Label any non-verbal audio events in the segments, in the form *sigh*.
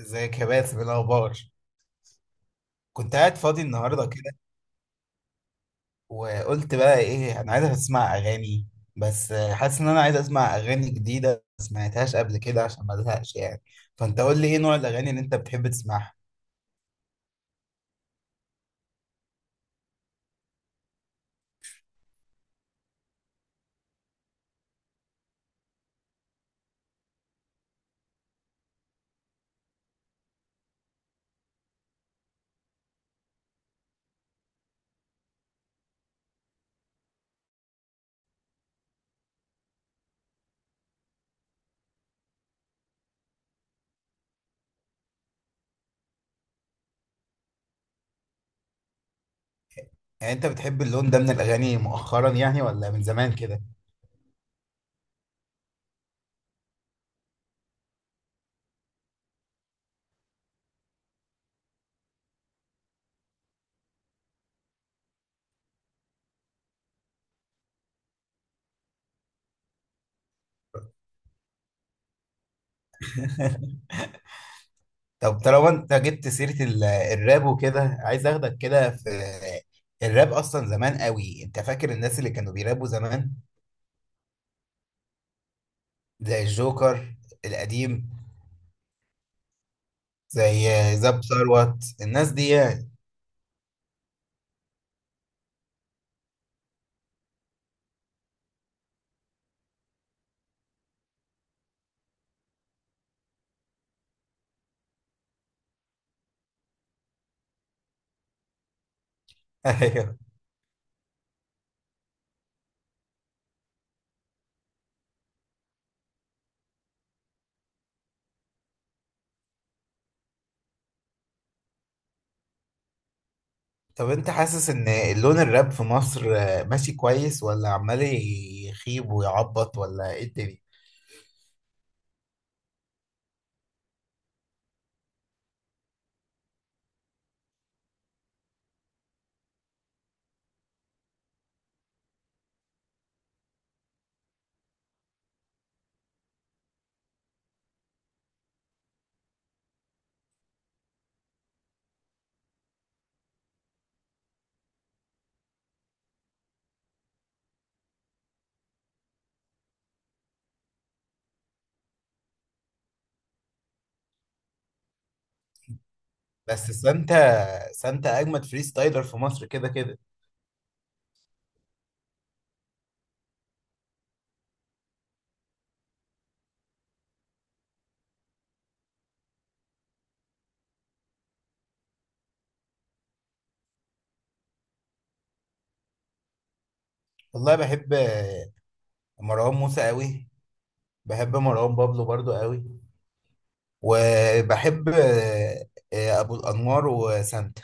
ازيك يا باسم؟ إيه الاخبار؟ كنت قاعد فاضي النهارده كده، وقلت بقى ايه، انا عايز اسمع اغاني، بس حاسس ان انا عايز اسمع اغاني جديده ما سمعتهاش قبل كده عشان ما ازهقش يعني. فانت قول لي ايه نوع الاغاني اللي انت بتحب تسمعها؟ يعني انت بتحب اللون ده من الاغاني مؤخرا يعني ولا من زمان كده؟ *laughs* طب طالما انت جبت سيره الراب وكده، عايز اخدك كده في الراب. اصلا زمان قوي، انت فاكر الناس اللي كانوا بيرابوا زمان؟ زي الجوكر القديم، زي زاب ثروت، الناس دي يعني. *laughs* ايوه. طب انت حاسس ان اللون الراب في مصر ماشي كويس، ولا عمال يخيب ويعبط، ولا ايه الدنيا؟ بس سانتا سانتا اجمد فري ستايلر في مصر كده كده. والله بحب مروان موسى قوي، بحب مروان بابلو برضو قوي، وبحب ابو الانوار وسانتا.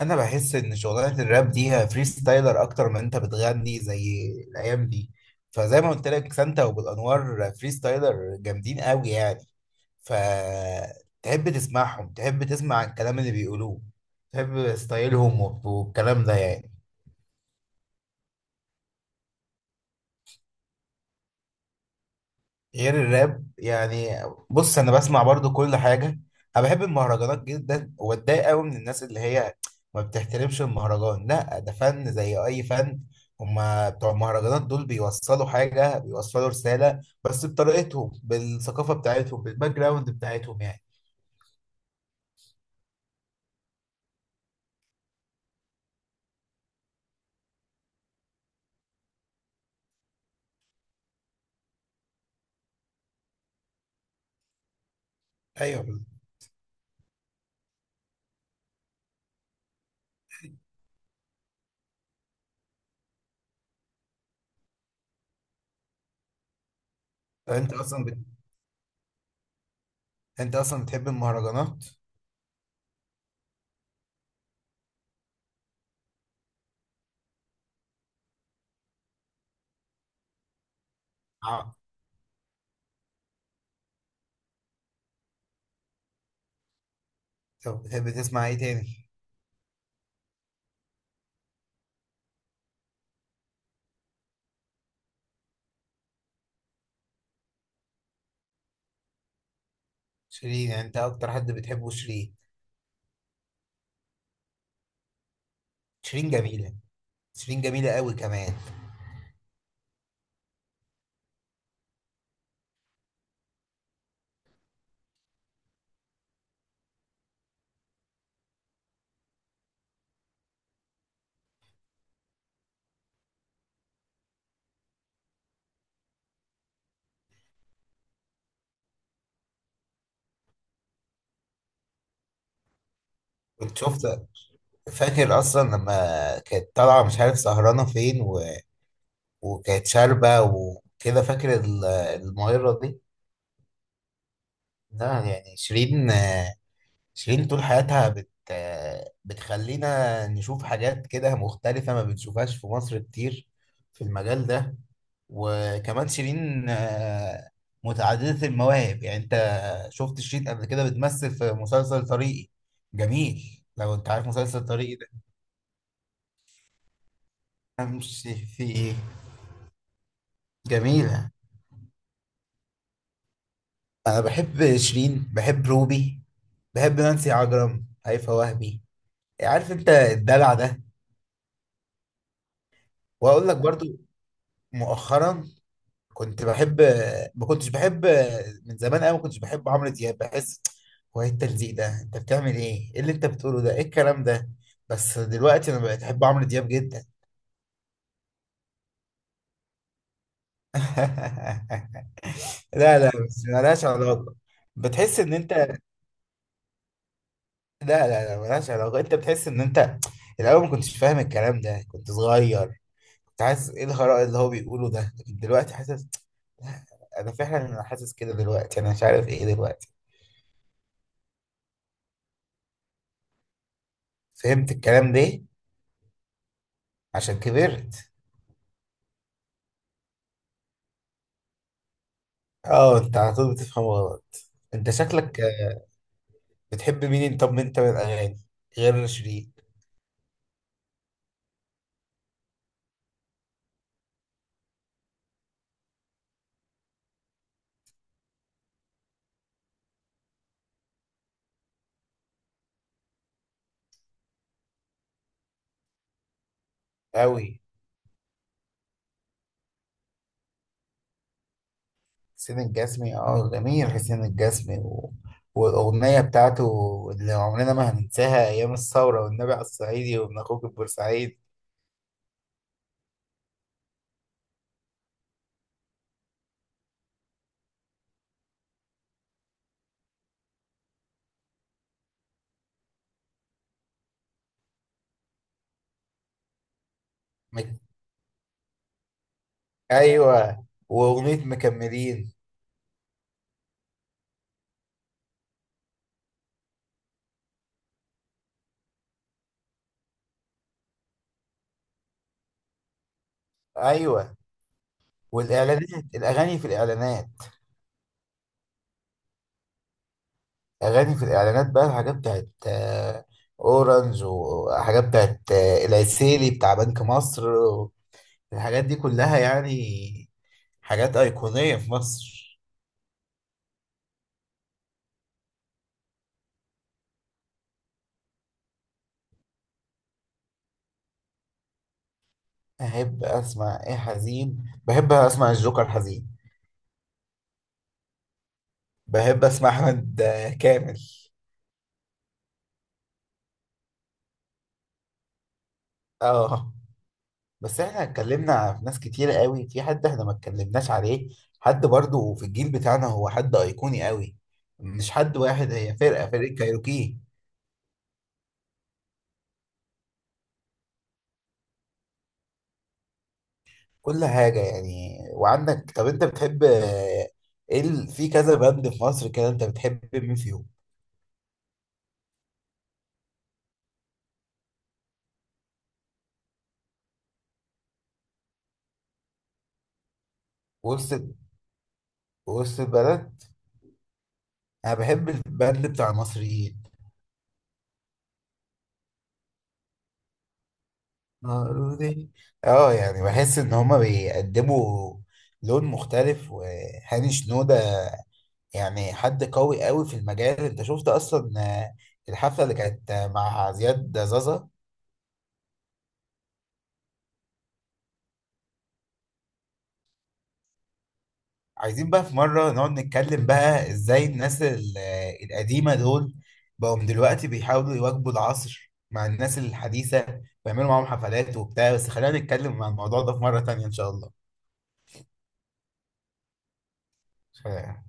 انا بحس ان شغلانه الراب دي هي فري ستايلر اكتر من انت بتغني زي الايام دي. فزي ما قلت لك، سانتا وبالانوار فري ستايلر جامدين قوي يعني. فتحب تسمعهم، تحب تسمع الكلام اللي بيقولوه، تحب ستايلهم والكلام ده يعني. غير الراب يعني؟ بص انا بسمع برضو كل حاجه. انا بحب المهرجانات جدا، واتضايق قوي من الناس اللي هي ما بتحترمش المهرجان. لا، ده فن زي اي فن. هما بتوع المهرجانات دول بيوصلوا حاجه، بيوصلوا رساله، بس بطريقتهم، بالثقافه بتاعتهم، بالباك جراوند بتاعتهم يعني. ايوه. انت اصلا بت... انت اصلا بتحب المهرجانات؟ اه. طب بتحب تسمع ايه تاني؟ شيرين؟ يعني انت اكتر حد بتحبه شيرين؟ شيرين جميله. شيرين جميله قوي كمان. كنت شفت، فاكر اصلا لما كانت طالعه مش عارف سهرانه فين وكانت شاربه وكده، فاكر المغيره دي؟ لا يعني شيرين، شيرين طول حياتها بت... بتخلينا نشوف حاجات كده مختلفه ما بنشوفهاش في مصر كتير في المجال ده. وكمان شيرين متعدده المواهب يعني. انت شفت شيرين قبل كده بتمثل في مسلسل طريقي؟ جميل، لو انت عارف مسلسل طريقي ده. امشي فيه. جميله. انا بحب شيرين، بحب روبي، بحب نانسي عجرم، هيفاء وهبي، عارف انت الدلع ده. واقول لك برضو مؤخرا، كنت بحب، ما كنتش بحب من زمان قوي، ما كنتش بحب عمرو دياب، بحس هو ايه التلزيق ده، انت بتعمل ايه، ايه اللي انت بتقوله ده، ايه الكلام ده؟ بس دلوقتي انا بقيت احب عمرو دياب جدا. *laughs* لا لا، بس ملهاش علاقة. بتحس ان انت، لا لا لا، ملهاش علاقة. انت بتحس ان انت الاول ما كنتش فاهم الكلام ده، كنت صغير، كنت حاسس ايه الهراء اللي هو بيقوله ده، لكن دلوقتي حاسس. *sniffs* انا فعلا انا حاسس كده دلوقتي، انا مش عارف ايه دلوقتي. فهمت الكلام ده عشان كبرت. اه، انت على طول بتفهم غلط، انت شكلك. بتحب مين طب انت من الاغاني غير شيرين؟ قوي. حسين الجسمي؟ اه جميل حسين الجسمي والاغنيه بتاعته اللي عمرنا ما هننساها ايام الثوره، والنبي على الصعيدي، وابن اخوك البورسعيد. مك... ايوه، واغنيه مكملين. ايوه. والاعلانات، الاغاني في الاعلانات، اغاني في الاعلانات بقى. الحاجات بتاعت اورنج، وحاجات بتاعت العسيلي بتاع بنك مصر، الحاجات دي كلها يعني حاجات ايقونيه في مصر. احب اسمع ايه حزين؟ بحب اسمع الجوكر حزين. بحب اسمع احمد كامل. اه. بس احنا اتكلمنا في ناس كتير قوي، في حد احنا ما اتكلمناش عليه، حد برضو في الجيل بتاعنا هو حد ايقوني قوي، مش حد واحد، هي فرقة كايروكي. كل حاجة يعني. وعندك، طب انت بتحب ايه في كذا باند في مصر كده، انت بتحب مين فيهم؟ وسط وسط البلد. انا بحب الباند بتاع المصريين مولودين. اه، يعني بحس ان هما بيقدموا لون مختلف. وهاني شنودة يعني حد قوي قوي في المجال. انت شفت اصلا آه، الحفله اللي كانت مع زياد زازا؟ عايزين بقى في مره نقعد نتكلم بقى ازاي الناس القديمه دول بقوا من دلوقتي بيحاولوا يواكبوا العصر مع الناس الحديثه ويعملوا معاهم حفلات وبتاع. بس خلينا نتكلم عن الموضوع ده في مره تانية ان شاء الله.